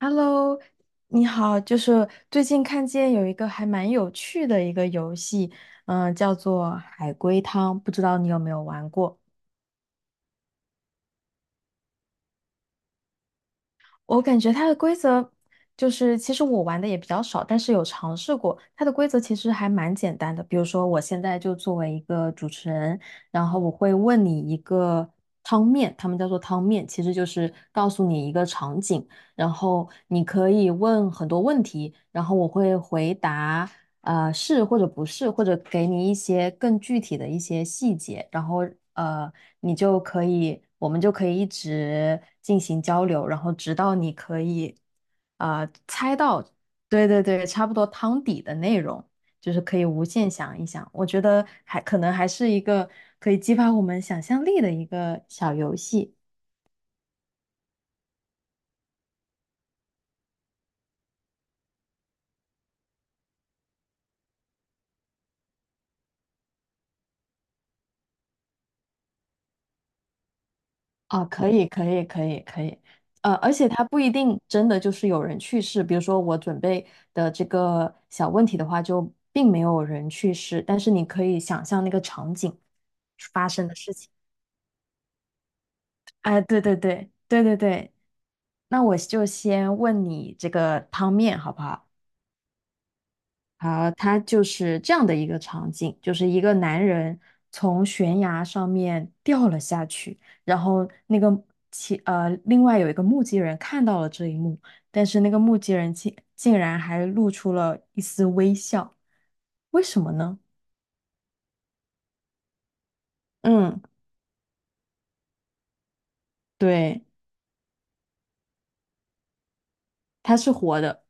Hello，你好，就是最近看见有一个还蛮有趣的一个游戏，叫做海龟汤，不知道你有没有玩过？我感觉它的规则就是，其实我玩的也比较少，但是有尝试过。它的规则其实还蛮简单的，比如说我现在就作为一个主持人，然后我会问你一个汤面，他们叫做汤面，其实就是告诉你一个场景。然后你可以问很多问题，然后我会回答，是或者不是，或者给你一些更具体的一些细节，然后呃你就可以，我们就可以一直进行交流，然后直到你可以猜到，对对对，差不多汤底的内容，就是可以无限想一想。我觉得还可能还是一个可以激发我们想象力的一个小游戏。啊，可以，可以，可以，可以，而且它不一定真的就是有人去世，比如说我准备的这个小问题的话，就并没有人去世，但是你可以想象那个场景发生的事情。哎，对对对，对对对，那我就先问你这个汤面好不好？好，它就是这样的一个场景，就是一个男人从悬崖上面掉了下去，然后那个另外有一个目击人看到了这一幕，但是那个目击人竟然还露出了一丝微笑，为什么呢？嗯，对，他是活的，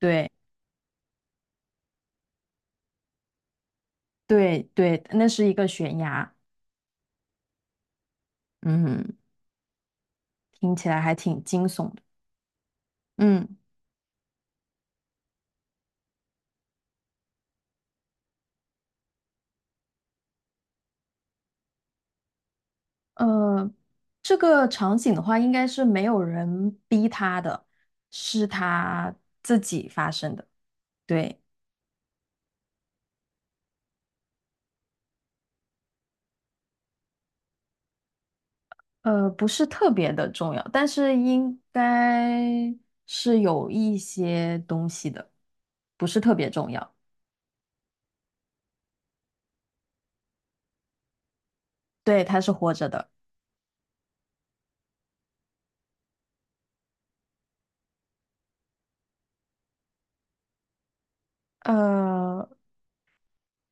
对对对，那是一个悬崖，嗯，听起来还挺惊悚的，嗯。呃，这个场景的话，应该是没有人逼他的，是他自己发生的。对，不是特别的重要，但是应该是有一些东西的，不是特别重要。对，他是活着的，呃，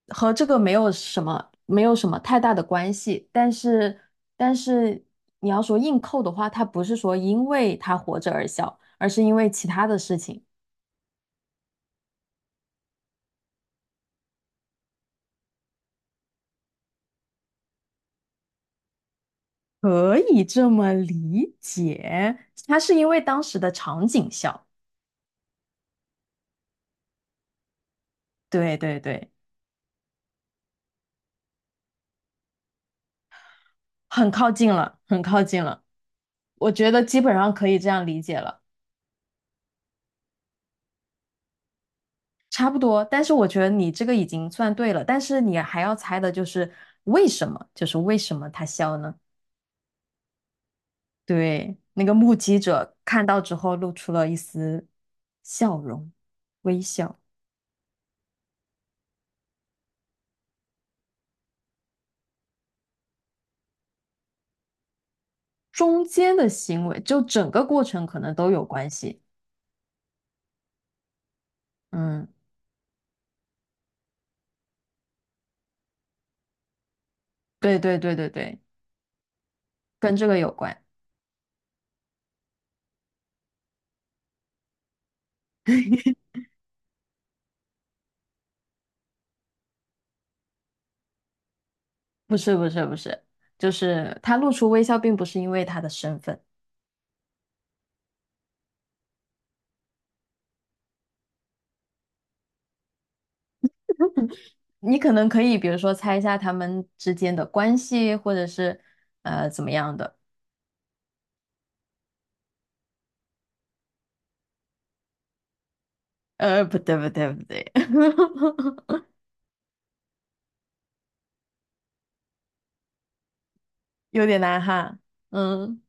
和这个没有什么太大的关系。但是，但是你要说硬扣的话，他不是说因为他活着而笑，而是因为其他的事情。可以这么理解，他是因为当时的场景笑，对对对，很靠近了，很靠近了，我觉得基本上可以这样理解了，差不多。但是我觉得你这个已经算对了，但是你还要猜的就是为什么，就是为什么他笑呢？对，那个目击者看到之后露出了一丝笑容，微笑，中间的行为就整个过程可能都有关系。嗯，对对对对对，跟这个有关。不是不是不是，就是他露出微笑，并不是因为他的身份。你可能可以，比如说猜一下他们之间的关系，或者是怎么样的。不对不对不对，有点难哈。嗯，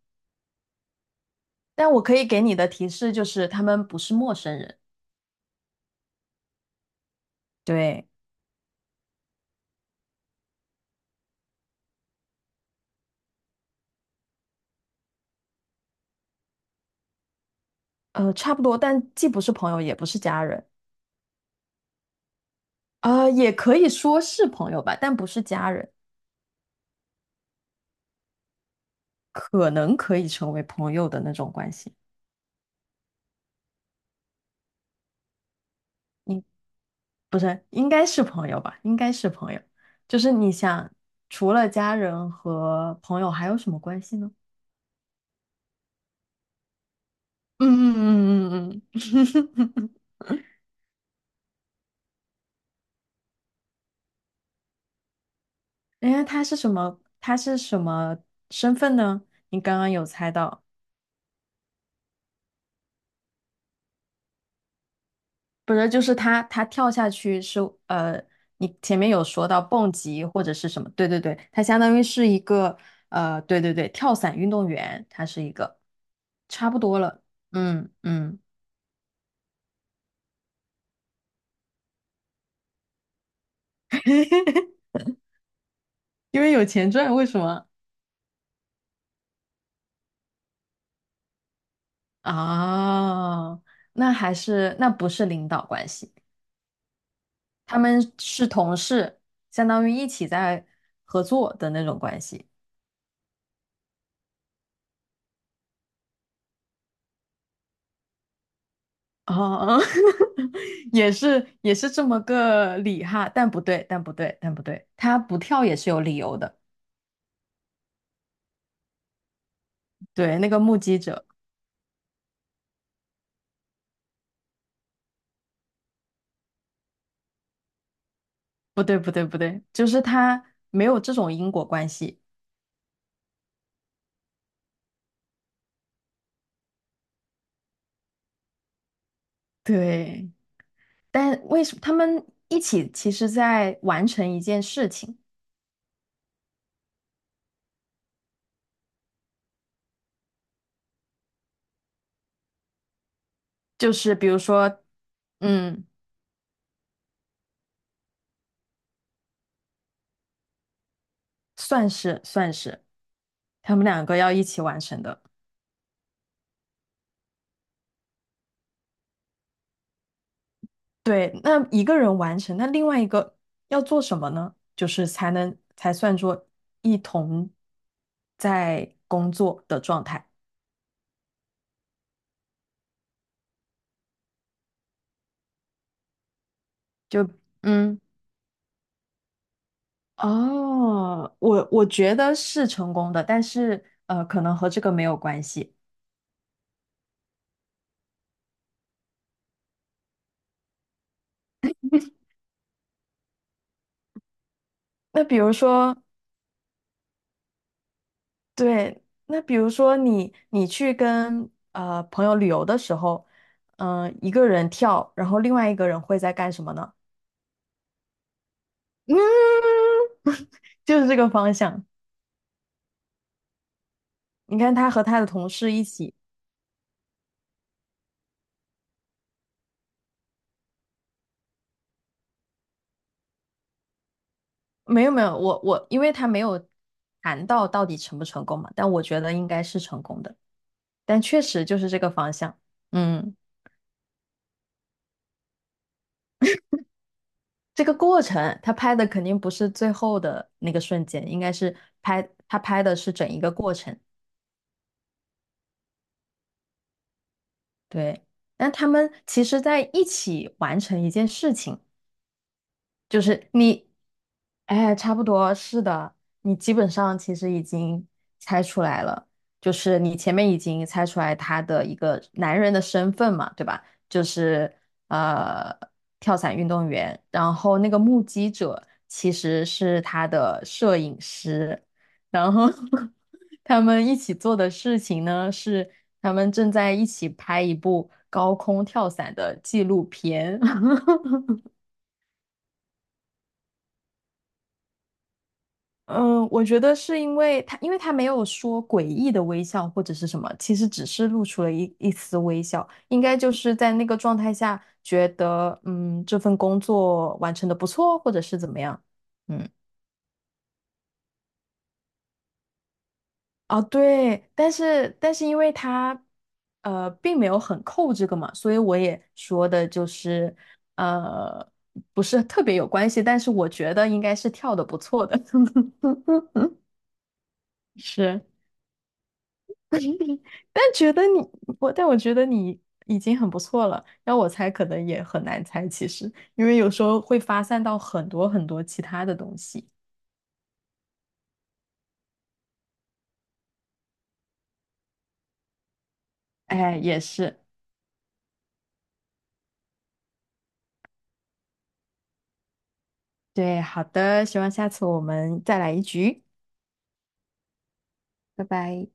但我可以给你的提示就是，他们不是陌生人。对，差不多，但既不是朋友，也不是家人。也可以说是朋友吧，但不是家人，可能可以成为朋友的那种关系。你不是，应该是朋友吧？应该是朋友。就是你想，除了家人和朋友，还有什么关系呢？嗯嗯嗯嗯嗯，因为他是什么？他是什么身份呢？你刚刚有猜到，不是？就是他跳下去是呃，你前面有说到蹦极或者是什么？对对对，他相当于是一个对对对，跳伞运动员，他是一个，差不多了。嗯嗯，因为有钱赚，为什么？哦，那还是，那不是领导关系，他们是同事，相当于一起在合作的那种关系。哦，也是也是这么个理哈，但不对，但不对，但不对，他不跳也是有理由的。对，那个目击者，不对，不对，不对，就是他没有这种因果关系。对，但为什么他们一起其实在完成一件事情，就是比如说，嗯。算是算是，他们两个要一起完成的。对，那一个人完成，那另外一个要做什么呢？就是才算作一同在工作的状态。就嗯，哦，我觉得是成功的，但是可能和这个没有关系。那比如说，对，那比如说你去跟朋友旅游的时候，一个人跳，然后另外一个人会在干什么呢？嗯，就是这个方向。你看他和他的同事一起，没有没有，我因为他没有谈到到底成不成功嘛，但我觉得应该是成功的，但确实就是这个方向。嗯，这个过程他拍的肯定不是最后的那个瞬间，应该是拍他拍的是整一个过程。对，但他们其实在一起完成一件事情，就是你，哎，差不多是的，你基本上其实已经猜出来了，就是你前面已经猜出来他的一个男人的身份嘛，对吧？就是呃，跳伞运动员，然后那个目击者其实是他的摄影师，然后 他们一起做的事情呢是他们正在一起拍一部高空跳伞的纪录片。嗯，我觉得是因为他，没有说诡异的微笑或者是什么，其实只是露出了一丝微笑，应该就是在那个状态下觉得，这份工作完成的不错，或者是怎么样。嗯，啊，对，但是因为他，并没有很扣这个嘛，所以我也说的就是，呃，不是特别有关系，但是我觉得应该是跳的不错的。是。但觉得你，但我觉得你已经很不错了。要我猜，可能也很难猜，其实，因为有时候会发散到很多很多其他的东西。哎，也是，对，好的，希望下次我们再来一局，拜拜。